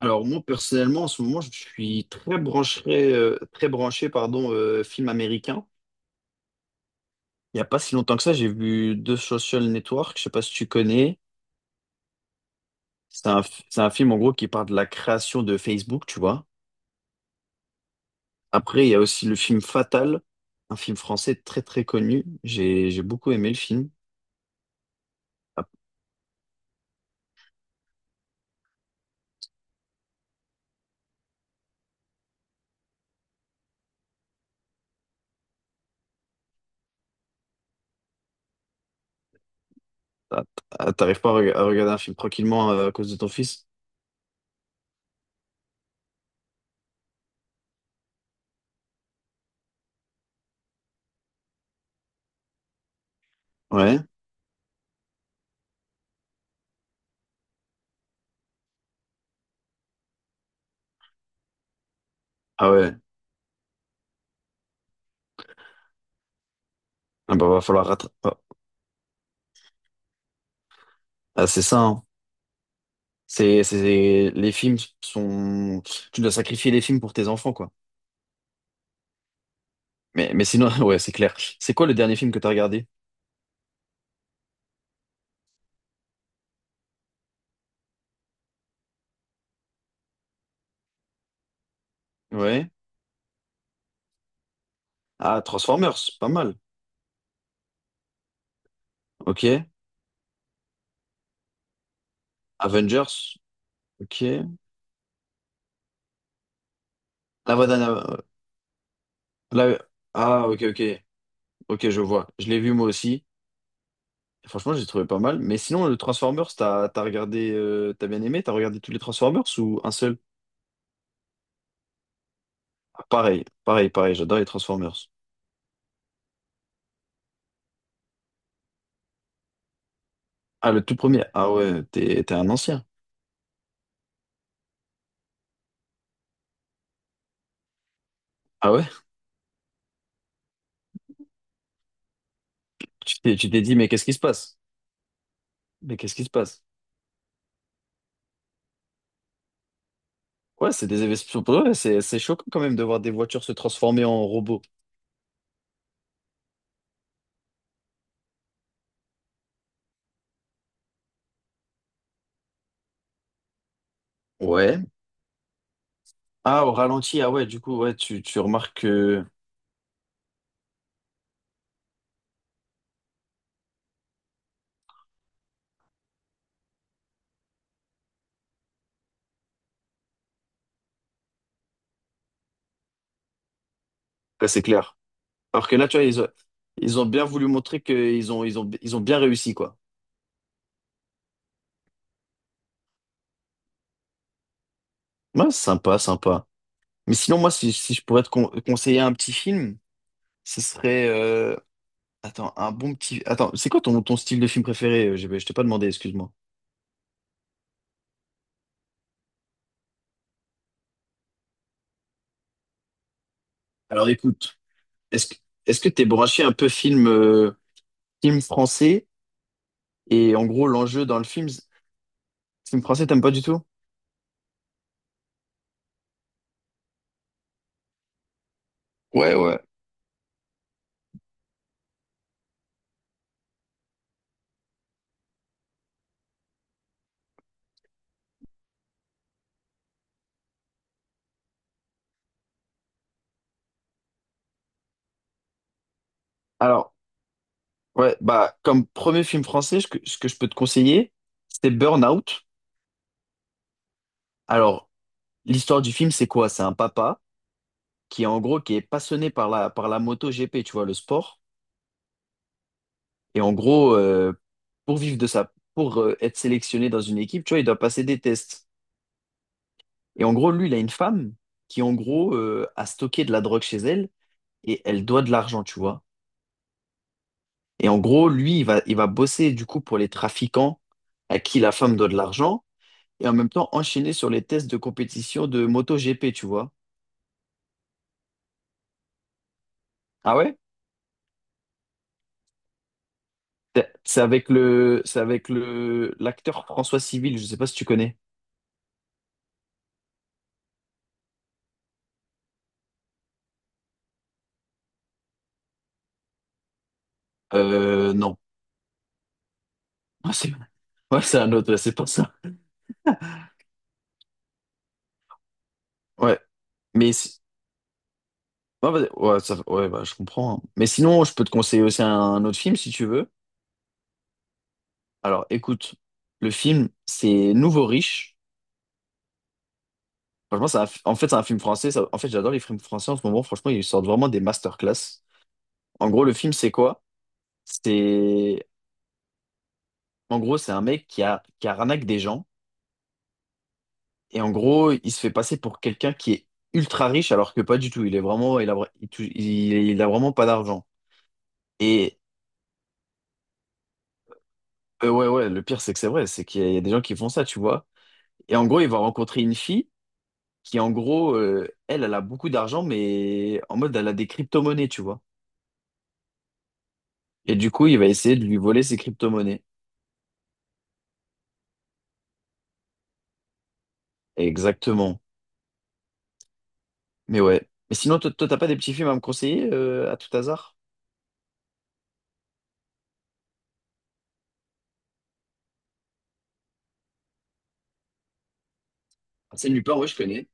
Alors moi personnellement en ce moment je suis très branché pardon film américain. Il n'y a pas si longtemps que ça, j'ai vu The Social Network, je sais pas si tu connais. C'est un, c'est un film en gros qui parle de la création de Facebook, tu vois. Après, il y a aussi le film Fatal, un film français très très connu. J'ai beaucoup aimé le film. Ah, ah, ah, t'arrives pas à regarder un film tranquillement à cause de ton fils? Ouais. Ah ouais. Ah bah va falloir rattraper. Ah, c'est ça, hein. C'est, les films sont, tu dois sacrifier les films pour tes enfants, quoi. Mais sinon, ouais, c'est clair. C'est quoi le dernier film que t'as regardé? Ouais. Ah, Transformers, pas mal. Ok. Avengers, ok. La voix d'un, av- la- ah, ok, ok. Ok, je vois. Je l'ai vu moi aussi. Franchement, j'ai trouvé pas mal. Mais sinon, le Transformers, t'as regardé, t'as bien aimé? T'as regardé tous les Transformers ou un seul? Ah, pareil, pareil, pareil. J'adore les Transformers. Ah, le tout premier. Ah ouais, t'es un ancien. Ah ouais? Tu t'es dit, mais qu'est-ce qui se passe? Mais qu'est-ce qui se passe? Ouais, c'est des effets. Ouais, c'est choquant quand même de voir des voitures se transformer en robots. Ouais. Ah, au ralenti, ah ouais, du coup, ouais, tu remarques que. Ouais, c'est clair. Alors que là, tu vois, ils ont, bien voulu montrer qu'ils ont bien réussi, quoi. Ouais, sympa, sympa. Mais sinon, moi, si je pourrais te conseiller un petit film, ce serait attends, un bon petit. Attends, c'est quoi ton style de film préféré? GB, je t'ai pas demandé, excuse-moi. Alors écoute, est-ce que est-ce que t'es branché un peu film, film français? Et en gros, l'enjeu dans le film, c'est, film français, t'aimes pas du tout? Ouais, ouais. Alors, ouais, bah, comme premier film français, ce que je peux te conseiller, c'est Burnout. Alors, l'histoire du film, c'est quoi? C'est un papa qui, en gros, qui est passionné par la moto GP, tu vois, le sport. Et en gros, pour vivre de ça, pour être sélectionné dans une équipe, tu vois, il doit passer des tests. Et en gros, lui, il a une femme qui, en gros, a stocké de la drogue chez elle et elle doit de l'argent, tu vois. Et en gros, lui, il va bosser du coup pour les trafiquants à qui la femme doit de l'argent et en même temps enchaîner sur les tests de compétition de MotoGP, tu vois. Ah ouais? C'est avec l'acteur François Civil, je sais pas si tu connais. Non. Ah, c'est, ouais, c'est un autre, ouais, c'est pas ça. Ouais. Mais, ouais, vas-y. Ouais, ouais, bah, je comprends, hein. Mais sinon, je peux te conseiller aussi un, autre film si tu veux. Alors, écoute, le film, c'est Nouveau Riche. Franchement, en fait, c'est un film français. En fait, j'adore les films français en ce moment. Franchement, ils sortent vraiment des masterclass. En gros, le film, c'est quoi? C'est, en gros, c'est un mec qui arnaque des gens. Et en gros, il se fait passer pour quelqu'un qui est ultra riche, alors que pas du tout. Il est vraiment, il a vraiment pas d'argent. Et, ouais, ouais, le pire, c'est que c'est vrai. C'est qu'il y a des gens qui font ça, tu vois. Et en gros, il va rencontrer une fille qui, en gros, elle a beaucoup d'argent, mais en mode, elle a des crypto-monnaies, tu vois. Et du coup, il va essayer de lui voler ses crypto-monnaies. Exactement. Mais ouais. Mais sinon, toi, t'as pas des petits films à me conseiller à tout hasard? Arsène Lupin, ouais, je connais.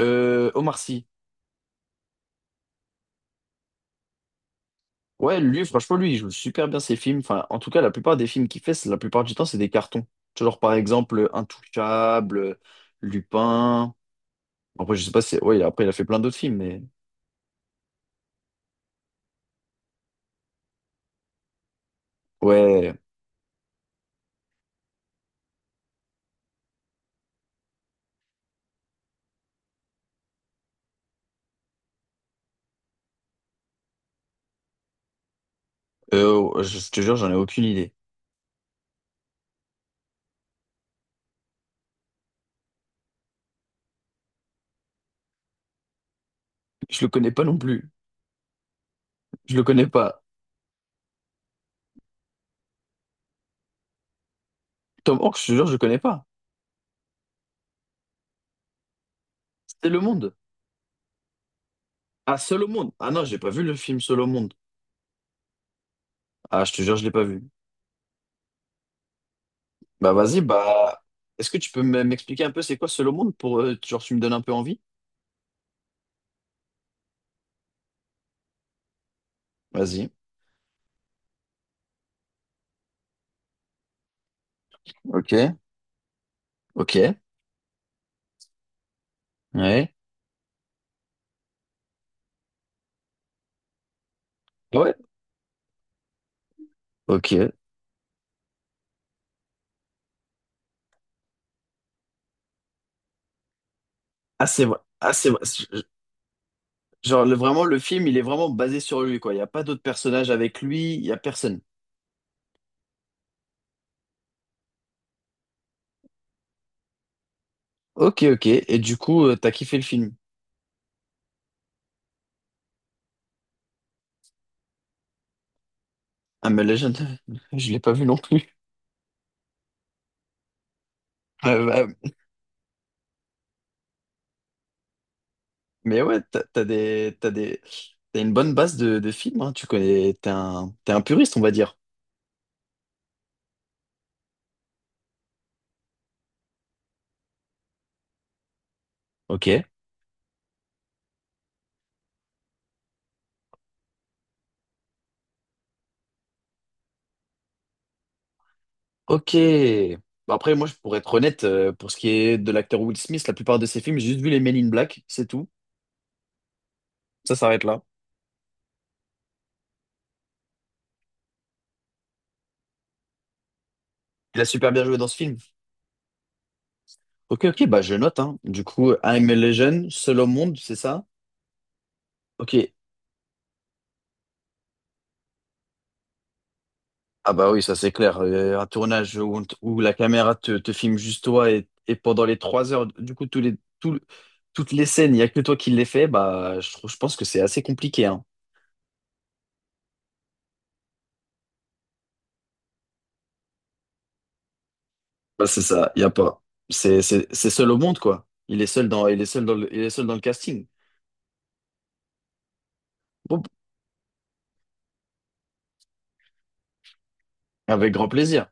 Omar Sy. Ouais, lui, franchement, lui, il joue super bien ses films. Enfin, en tout cas, la plupart des films qu'il fait, la plupart du temps, c'est des cartons. Tu vois, genre, par exemple, Intouchable, Lupin. Après, je sais pas si. Ouais, après, il a fait plein d'autres films, mais. Ouais. Euh, oh, je te jure, j'en ai aucune idée. Je le connais pas non plus. Je le connais pas. Tom Hanks, je te jure, je le connais pas. C'était Le Monde. Ah, Seul au Monde. Ah non, j'ai pas vu le film Seul au Monde. Ah, je te jure, je l'ai pas vu. Bah vas-y, bah est-ce que tu peux m'expliquer un peu c'est quoi Solo Monde pour genre tu me donnes un peu envie? Vas-y. Ok. Ok. Ouais. Ah ouais. Ok. Ah, c'est vrai. Ah, c'est vrai. Genre vraiment le film il est vraiment basé sur lui, quoi. Il y a pas d'autres personnages avec lui. Il y a personne. Ok, ok. Et du coup, t'as kiffé le film? Ah mais Legend, je l'ai pas vu non plus. Bah, mais ouais, t'as une bonne base de films, hein. Tu connais. T'es un puriste, on va dire. Ok. Ok. Bah, après, moi, pour être honnête, pour ce qui est de l'acteur Will Smith, la plupart de ses films, j'ai juste vu les Men in Black, c'est tout. Ça s'arrête là. Il a super bien joué dans ce film. Ok, ok, bah je note, hein. Du coup, I'm a Legend, Seul au monde, c'est ça? Ok. Ah bah oui, ça c'est clair. Un tournage où, où la caméra te filme juste toi et pendant les trois heures, du coup, tout- toutes les scènes, il n'y a que toi qui les fais, bah, je pense que c'est assez compliqué, hein. Bah, c'est ça, il n'y a pas. C'est seul au monde, quoi. Il est seul dans, il est seul dans le, il est seul dans le casting. Bon, avec grand plaisir.